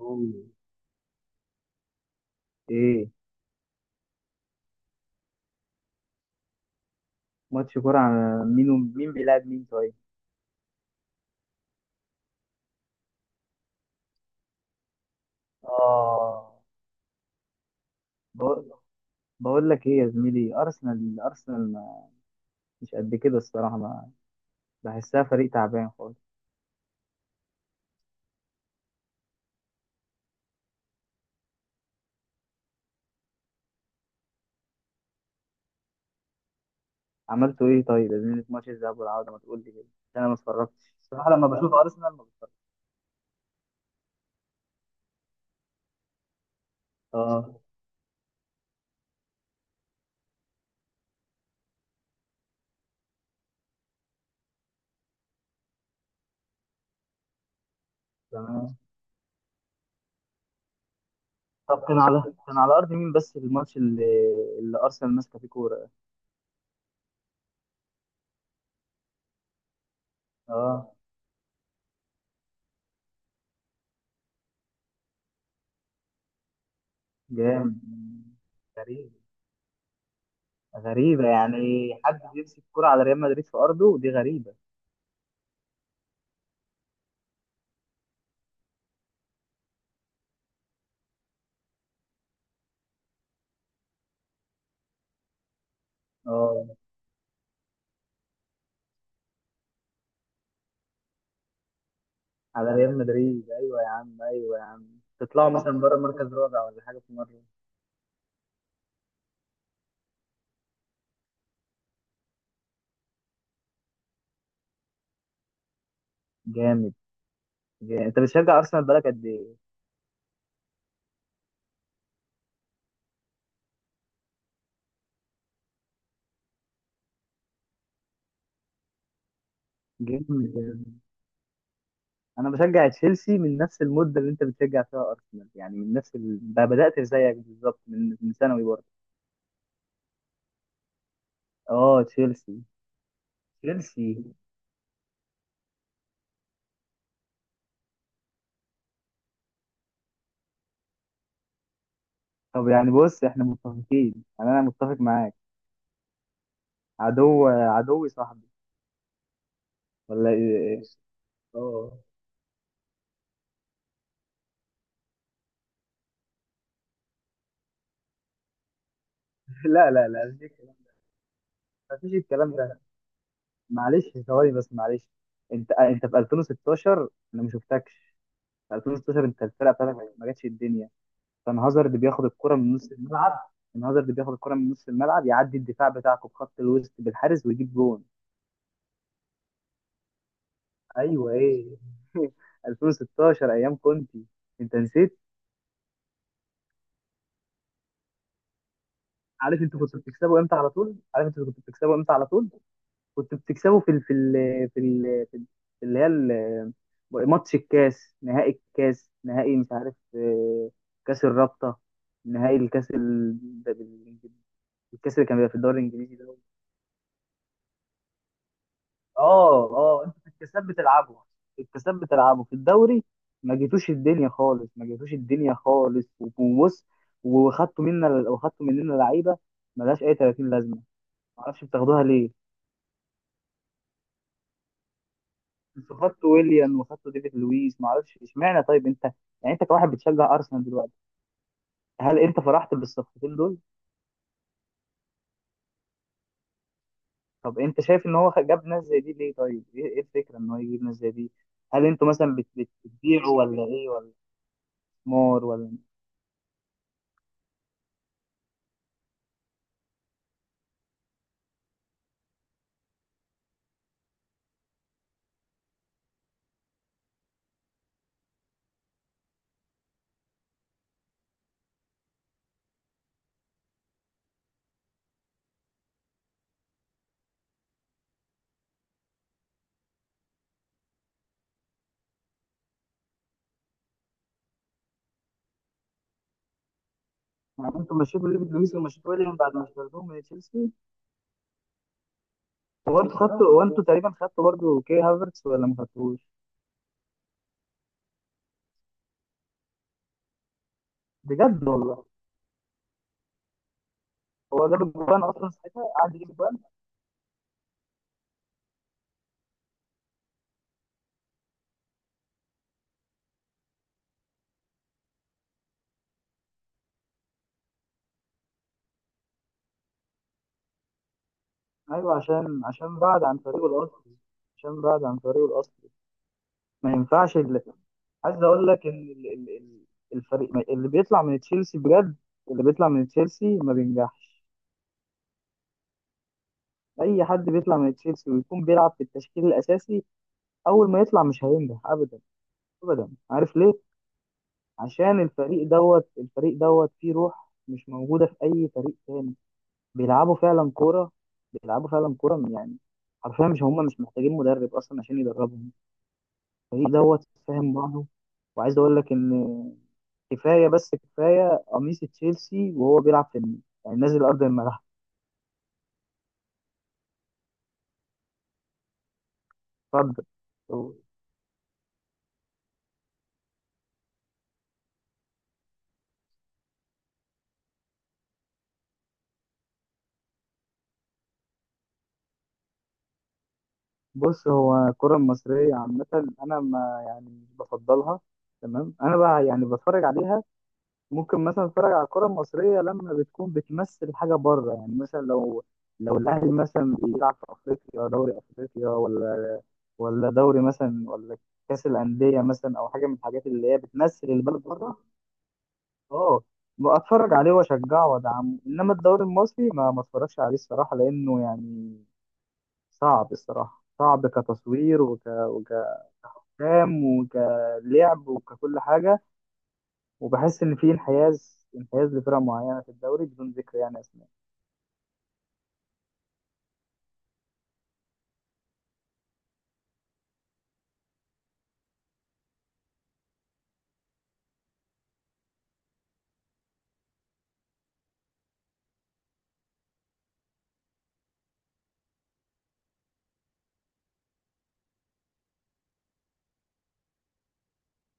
أوه. ايه. ماتش كورة عن مين مين بيلعب مين طيب؟ اه. بقول بقول لك ايه يا زميلي؟ ارسنال مش قد كده الصراحة، ما بحسها فريق تعبان خالص. عملتوا ايه طيب يا زميلي في ماتش الذهاب والعودة؟ ما تقول لي كده عشان انا ما اتفرجتش الصراحة، لما بشوف ارسنال ما بتفرجش. اه، تمام. طب كان على ارض مين بس الماتش اللي ارسنال ماسكة فيه كورة ده؟ اه، جامد. غريبة. غريبة يعني حد بيمسك كورة على ريال مدريد في ارضه، دي غريبة. اه، على ريال مدريد. ايوه يا عم، ايوه يا عم، تطلعوا مثلا بره مركز رابع ولا حاجه في مره. جامد، جامد. انت بتشجع ارسنال بقالك قد ايه؟ جامد، جامد. انا بشجع تشيلسي من نفس المده اللي انت بتشجع فيها ارسنال، يعني من نفس بدات زيك بالظبط، من ثانوي برضه. اه، تشيلسي. تشيلسي طب يعني بص، احنا متفقين، يعني انا متفق معاك، عدو عدوي صاحبي ولا ايه؟ اه. لا، لا، لا، مفيش الكلام، مفيش الكلام ده. معلش، ثواني بس، معلش. انت في 2016 انا ما شفتكش. في 2016 انت الفرقه بتاعتك ما جاتش الدنيا. كان هازارد بياخد الكره من نص الملعب. كان هازارد بياخد الكره من نص الملعب، يعدي الدفاع بتاعكم بخط الوسط بالحارس ويجيب جون. ايوه، ايه. 2016 ايام كنتي، انت نسيت؟ عارف انتوا كنتوا بتكسبوا امتى على طول، عارف انتوا كنتوا بتكسبوا امتى على طول. كنت بتكسبه في اللي هي ال- ماتش الكاس نهائي، مش عارف، كاس الرابطة، نهائي الكاس ال- ده بال- الكاس اللي كان بيبقى في الدوري الانجليزي ده. اه، اه، انتوا في الكاسات بتلعبوا، في الكاسات بتلعبوا في الدوري. ما جيتوش الدنيا خالص، ما جيتوش الدنيا خالص. وبص، وخدتوا مننا لعيبه ملهاش اي 30 لازمه، ما اعرفش بتاخدوها ليه. انت خدت ويليان وخدت ديفيد لويس، ما اعرفش اشمعنى. طيب انت يعني انت كواحد بتشجع ارسنال دلوقتي، هل انت فرحت بالصفقتين دول؟ طب انت شايف ان هو جاب ناس زي دي ليه؟ طيب ايه الفكره ان هو يجيب ناس زي دي؟ هل انتوا مثلا بتبيعوا ولا ايه، ولا استثمار ولا؟ يعني انتوا مشيتوا ديفيد لويس ومشيتوا ويليام بعد ما اشتريتوهم من تشيلسي. وبرضه خدتوا، وانتوا تقريبا خدتوا برضه كي هافرتس ولا ما خدتوش؟ بجد والله. هو جاب الجوان اصلا ساعتها قعد يجيب جوان. ايوه، عشان بعد عن طريقه الاصلي، عشان بعد عن طريقه الاصلي. ما ينفعش ال- عايز اقول لك ان الفريق اللي بيطلع من تشيلسي بجد، اللي بيطلع من تشيلسي ما بينجحش. اي حد بيطلع من تشيلسي ويكون بيلعب في التشكيل الاساسي، اول ما يطلع مش هينجح ابدا، ابدا. عارف ليه؟ عشان الفريق دوت، الفريق دوت فيه روح مش موجوده في اي فريق تاني. بيلعبوا فعلا كوره، بيلعبوا فعلا كوره يعني. حرفيا مش محتاجين مدرب اصلا عشان يدربهم. الفريق دوت فاهم بعضه. وعايز اقول لك ان كفايه، بس كفايه قميص تشيلسي وهو بيلعب في النادي، يعني نازل ارض الملعب. اتفضل. بص، هو الكره المصريه عامه انا ما يعني مش بفضلها. تمام، انا بقى يعني بتفرج عليها. ممكن مثلا اتفرج على الكره المصريه لما بتكون بتمثل حاجه بره. يعني مثلا لو الاهلي مثلا بيلعب في افريقيا، دوري افريقيا ولا دوري مثلا، ولا كاس الانديه مثلا، او حاجه من الحاجات اللي هي بتمثل البلد بره. اه، اتفرج عليه واشجعه وادعمه. انما الدوري المصري ما اتفرجش عليه الصراحه، لانه يعني صعب الصراحه، صعب كتصوير وكأفلام وكلعب وككل حاجه. وبحس ان في انحياز لفرق معينه في الدوري بدون ذكر يعني اسماء.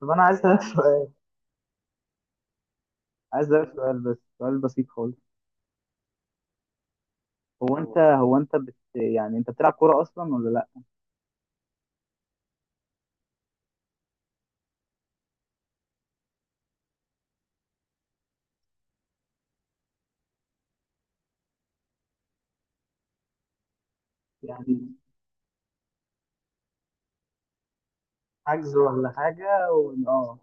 طب انا عايز اسالك سؤال، بس سؤال بسيط خالص. هو انت قول. هو انت بت... يعني انت بتلعب كوره اصلا ولا لا؟ يعني حجز ولا حاجه اه.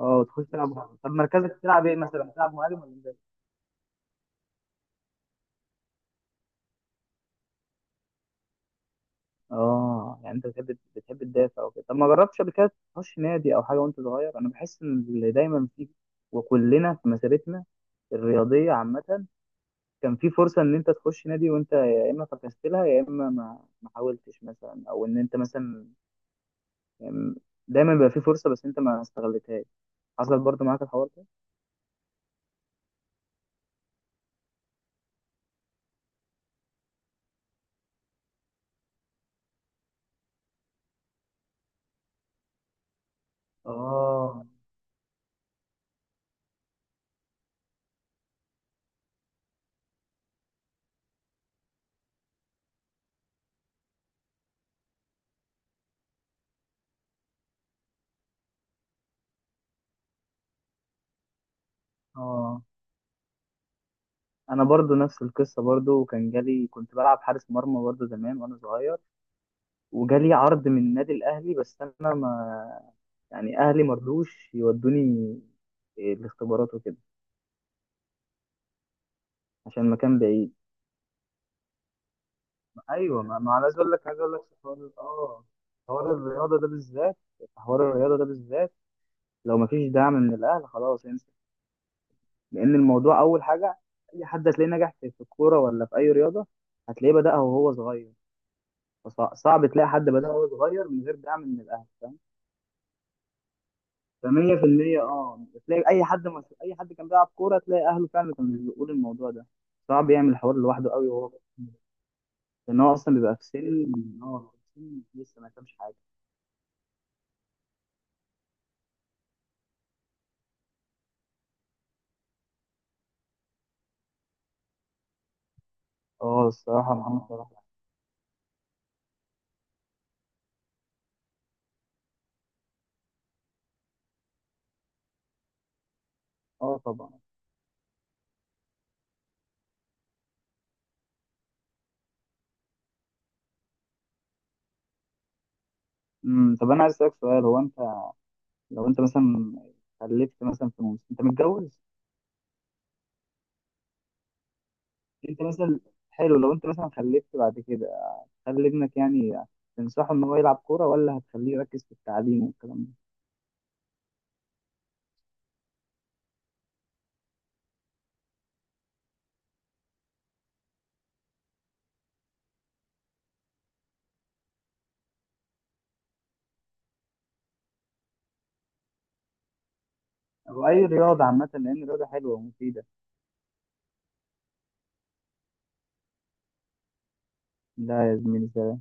اه، تخش تلعب. طب مركزك بتلعب ايه، مثلا بتلعب مهاجم ولا مدافع؟ اه، يعني انت بتحب تدافع وكده. طب ما جربتش قبل كده تخش نادي او حاجه وانت صغير؟ انا بحس ان اللي دايما فيه، وكلنا في مسيرتنا الرياضيه عامه، كان في فرصه ان انت تخش نادي، وانت يا اما فكست لها، يا اما ما حاولتش مثلا، او ان انت مثلا يعني دايما بيبقى في فرصه بس انت ما استغلتهاش. حصل برضو معاك الحوار ده؟ اه، اه، انا برضو نفس القصه برضو. وكان جالي، كنت بلعب حارس مرمى برضو زمان وانا صغير، وجالي عرض من النادي الاهلي، بس انا ما، يعني اهلي مرضوش يودوني الاختبارات وكده عشان المكان بعيد. ايوه، ما انا عايز اقول لك، في حوار. اه، حوار الرياضه ده بالذات، في حوار الرياضه ده بالذات لو مفيش دعم من الاهل خلاص انسى. لان الموضوع اول حاجه، اي حد هتلاقيه نجح في الكوره ولا في اي رياضه، هتلاقيه بدأها وهو صغير. فصعب تلاقي حد بدأ وهو صغير من غير دعم من الاهل، فاهم؟ ف 100%. اه، تلاقي اي حد مش... اي حد كان بيلعب كوره تلاقي اهله فعلا كانوا بيقولوا الموضوع ده صعب يعمل الحوار لوحده قوي وهو. لان هو اصلا بيبقى في سن، اه في سن لسه ما فهمش حاجه. اه، الصراحه محمد صلاح. اه، طبعا. طب انا عايز اسالك سؤال. هو انت لو انت مثلا خلفت مثلا في موسم، انت متجوز؟ انت مثلا، حلو، لو انت مثلا خلفت بعد كده، هتخلي ابنك يعني تنصحه ان هو يلعب كوره، ولا هتخليه يركز في التعليم والكلام ده، او اي رياضه عامه؟ لان الرياضه حلوه ومفيده. لا يا زميلي.